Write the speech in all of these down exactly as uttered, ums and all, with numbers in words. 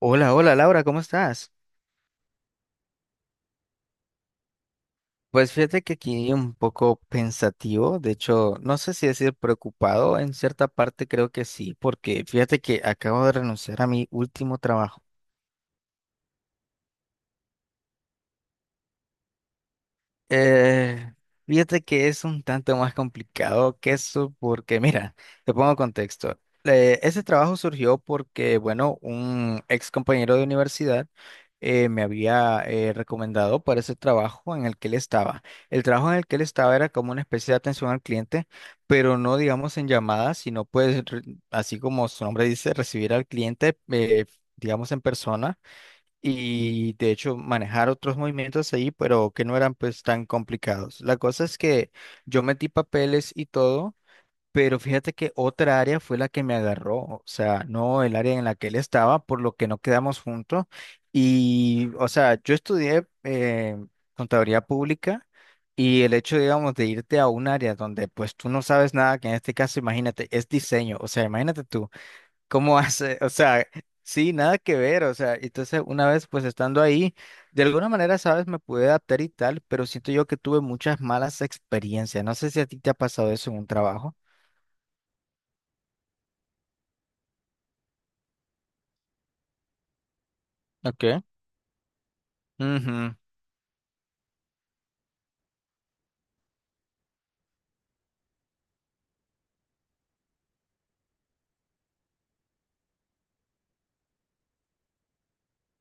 Hola, hola Laura, ¿cómo estás? Pues fíjate que aquí un poco pensativo, de hecho, no sé si decir preocupado, en cierta parte creo que sí, porque fíjate que acabo de renunciar a mi último trabajo. Eh, Fíjate que es un tanto más complicado que eso porque, mira, te pongo contexto. Eh, ese trabajo surgió porque, bueno, un ex compañero de universidad eh, me había eh, recomendado para ese trabajo en el que él estaba. El trabajo en el que él estaba era como una especie de atención al cliente, pero no, digamos, en llamadas, sino pues, re- así como su nombre dice, recibir al cliente, eh, digamos, en persona y de hecho manejar otros movimientos ahí, pero que no eran pues tan complicados. La cosa es que yo metí papeles y todo, pero fíjate que otra área fue la que me agarró, o sea, no el área en la que él estaba, por lo que no quedamos juntos. Y, o sea, yo estudié eh, contaduría pública. Y el hecho, digamos, de irte a un área donde pues tú no sabes nada, que en este caso, imagínate, es diseño, o sea, imagínate tú, ¿cómo hace? O sea, sí, nada que ver. O sea, entonces una vez pues estando ahí, de alguna manera, sabes, me pude adaptar y tal, pero siento yo que tuve muchas malas experiencias. No sé si a ti te ha pasado eso en un trabajo. Okay. Ujú,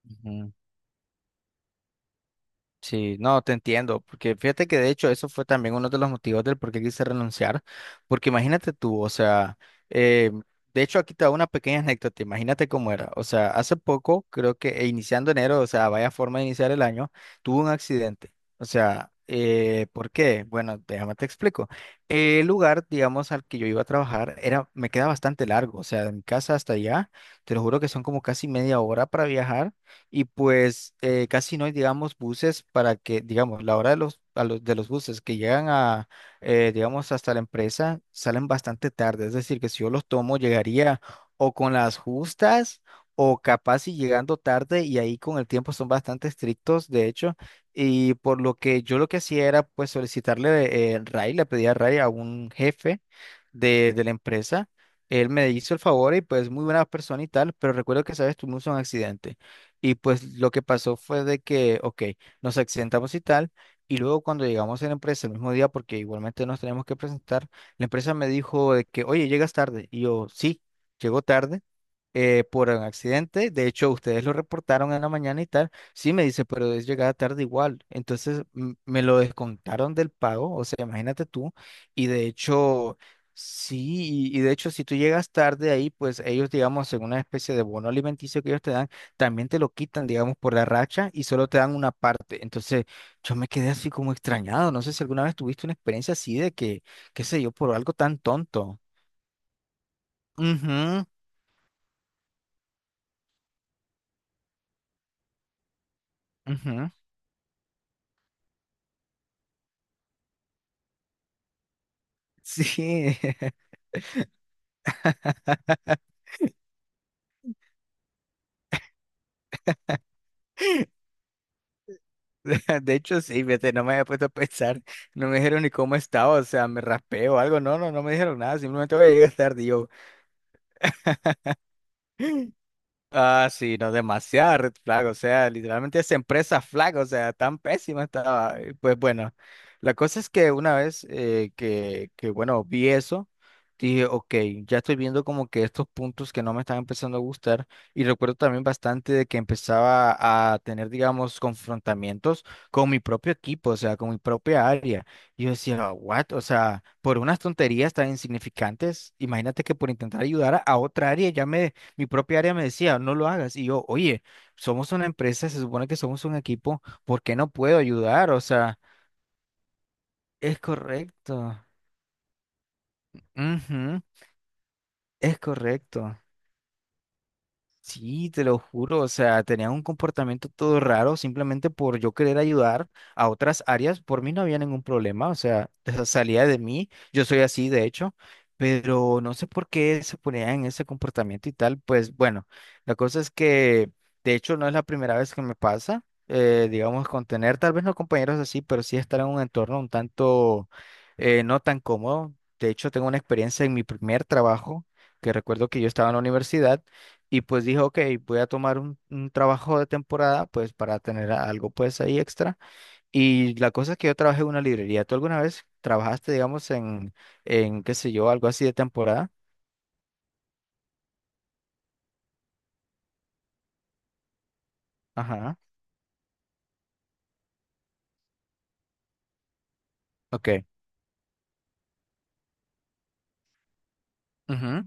ujú. Sí, no, te entiendo, porque fíjate que de hecho eso fue también uno de los motivos del por qué quise renunciar, porque imagínate tú, o sea, eh, de hecho aquí te hago una pequeña anécdota, imagínate cómo era, o sea, hace poco, creo que eh, iniciando enero, o sea, vaya forma de iniciar el año, tuve un accidente, o sea, eh, ¿por qué? Bueno, déjame te explico. El lugar, digamos, al que yo iba a trabajar era, me queda bastante largo, o sea, de mi casa hasta allá, te lo juro que son como casi media hora para viajar y pues eh, casi no hay, digamos, buses para que, digamos, la hora de los, a los, de los buses que llegan a, eh, digamos, hasta la empresa salen bastante tarde. Es decir, que si yo los tomo, llegaría o con las justas o capaz y llegando tarde y ahí con el tiempo son bastante estrictos, de hecho. Y por lo que yo lo que hacía era pues solicitarle eh, R A I, le pedía R A I a I a un jefe de, de la empresa. Él me hizo el favor y pues muy buena persona y tal, pero recuerdo que, sabes, tuvimos un accidente. Y pues lo que pasó fue de que, ok, nos accidentamos y tal, y luego cuando llegamos a la empresa el mismo día, porque igualmente nos tenemos que presentar, la empresa me dijo de que, oye, llegas tarde. Y yo, sí, llegó tarde eh, por un accidente. De hecho, ustedes lo reportaron en la mañana y tal. Sí, me dice, pero es llegada tarde igual. Entonces m- me lo descontaron del pago, o sea, imagínate tú. Y de hecho... Sí, y y de hecho, si tú llegas tarde ahí, pues ellos, digamos, en una especie de bono alimenticio que ellos te dan, también te lo quitan, digamos, por la racha y solo te dan una parte. Entonces, yo me quedé así como extrañado. No sé si alguna vez tuviste una experiencia así de que, qué sé yo, por algo tan tonto. Ujú, ujú. Sí, de hecho sí, fíjate, no me había puesto a pensar, no me dijeron ni cómo estaba, o sea, me raspé o algo, no, no, no me dijeron nada, simplemente voy a llegar tarde y yo. Ah, sí, no, demasiada red flag, o sea, literalmente esa empresa flag, o sea, tan pésima estaba. Y pues bueno, la cosa es que una vez eh, que, que, bueno, vi eso, dije, ok, ya estoy viendo como que estos puntos que no me están empezando a gustar. Y recuerdo también bastante de que empezaba a tener, digamos, confrontamientos con mi propio equipo, o sea, con mi propia área. Y yo decía, what? O sea, por unas tonterías tan insignificantes, imagínate que por intentar ayudar a a otra área ya me mi propia área me decía, no lo hagas. Y yo, oye, somos una empresa, se supone que somos un equipo, ¿por qué no puedo ayudar? O sea, es correcto. Ujú, es correcto. Sí, te lo juro, o sea, tenían un comportamiento todo raro simplemente por yo querer ayudar a otras áreas, por mí no había ningún problema, o sea, esa salía de mí, yo soy así de hecho, pero no sé por qué se ponían en ese comportamiento y tal, pues bueno, la cosa es que de hecho no es la primera vez que me pasa, eh, digamos, con tener tal vez no compañeros así, pero sí estar en un entorno un tanto eh, no tan cómodo, de hecho tengo una experiencia en mi primer trabajo, que recuerdo que yo estaba en la universidad, y pues dije, ok, voy a tomar un, un trabajo de temporada, pues para tener a- algo pues ahí extra. Y la cosa es que yo trabajé en una librería. ¿Tú alguna vez trabajaste, digamos, en, en qué sé yo, algo así de temporada? Ajá, ok. Ujú,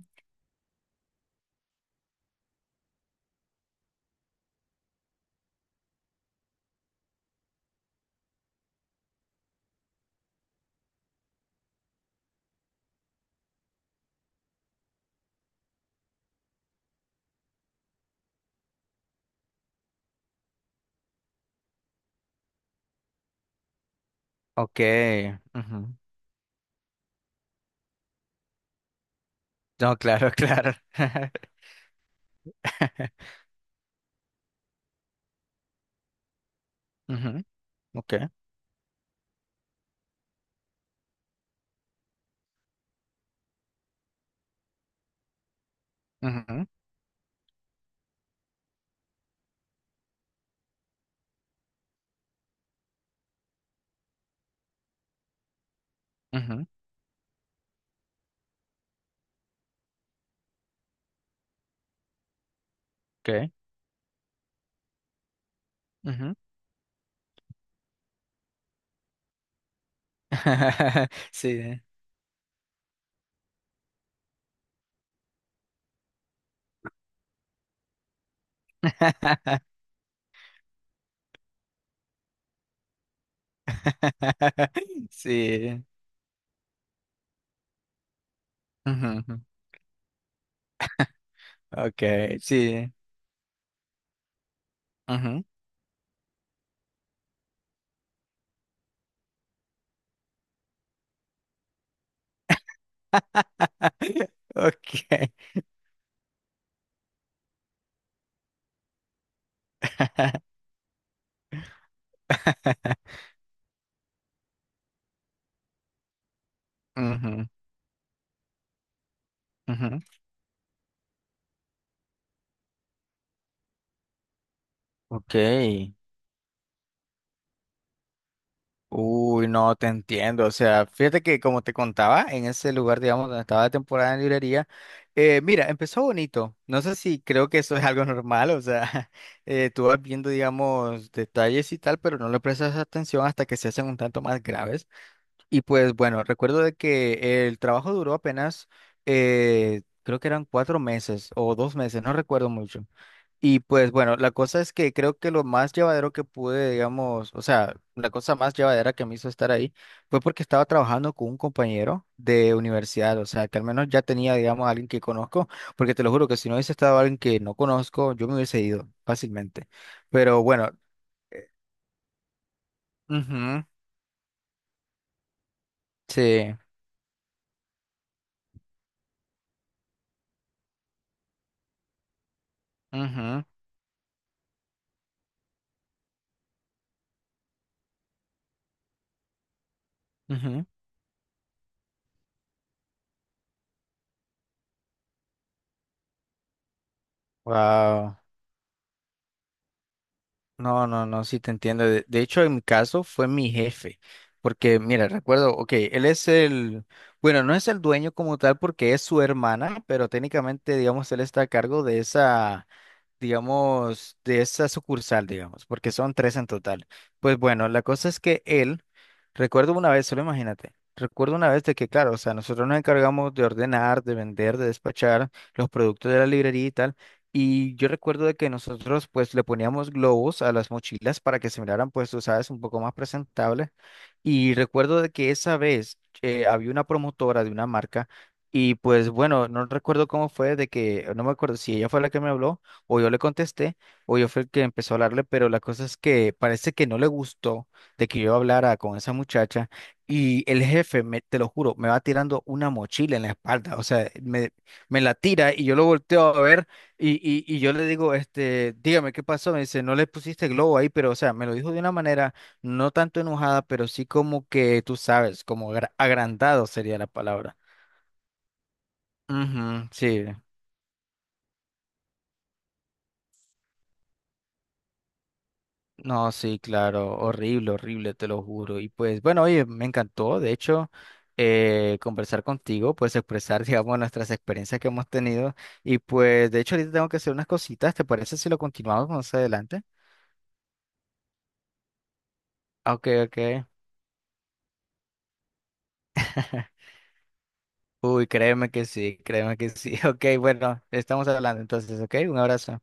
ok, ujú. No, claro, claro. Ujú, ok, ujú, ujú, ok, ujú. Sí. Sí. Ujú, ok, sí. Ujú. Ok. Ujú, ujú. Ok. Uy, no, te entiendo. O sea, fíjate que como te contaba, en ese lugar, digamos, donde estaba de temporada en librería, eh, mira, empezó bonito. No sé si creo que eso es algo normal, o sea, eh, tú vas viendo, digamos, detalles y tal, pero no le prestas atención hasta que se hacen un tanto más graves. Y pues bueno, recuerdo de que el trabajo duró apenas, eh, creo que eran cuatro meses o dos meses, no recuerdo mucho. Y pues bueno, la cosa es que creo que lo más llevadero que pude, digamos, o sea, la cosa más llevadera que me hizo estar ahí fue porque estaba trabajando con un compañero de universidad, o sea, que al menos ya tenía, digamos, a alguien que conozco, porque te lo juro que si no hubiese estado alguien que no conozco, yo me hubiese ido fácilmente. Pero bueno, ujú, sí, ujú, ujú, wow. No, no, no, sí te entiendo. De, de hecho, en mi caso fue mi jefe, porque mira, recuerdo, ok, él es el, bueno, no es el dueño como tal porque es su hermana, pero técnicamente, digamos, él está a cargo de esa digamos, de esa sucursal, digamos, porque son tres en total. Pues bueno, la cosa es que él, recuerdo una vez, solo imagínate, recuerdo una vez de que, claro, o sea, nosotros nos encargamos de ordenar, de vender, de despachar los productos de la librería y tal. Y yo recuerdo de que nosotros pues le poníamos globos a las mochilas para que se miraran pues, tú sabes, un poco más presentables. Y recuerdo de que esa vez eh, había una promotora de una marca y pues bueno, no recuerdo cómo fue de que, no me acuerdo si ella fue la que me habló o yo le contesté, o yo fui el que empezó a hablarle, pero la cosa es que parece que no le gustó de que yo hablara con esa muchacha y el jefe, me, te lo juro, me va tirando una mochila en la espalda, o sea, me, me la tira y yo lo volteo a ver y, y, y yo le digo, este, dígame qué pasó, me dice, no le pusiste globo ahí, pero o sea, me lo dijo de una manera no tanto enojada, pero sí como que tú sabes, como agra- agrandado sería la palabra. Ujú, sí. No, sí, claro, horrible, horrible, te lo juro. Y pues, bueno, oye, me encantó, de hecho, eh, conversar contigo, pues expresar, digamos, nuestras experiencias que hemos tenido. Y pues, de hecho, ahorita tengo que hacer unas cositas, ¿te parece si lo continuamos más adelante? Ok, ok. Uy, créeme que sí, créeme que sí. Ok, bueno, estamos hablando entonces, ok, un abrazo.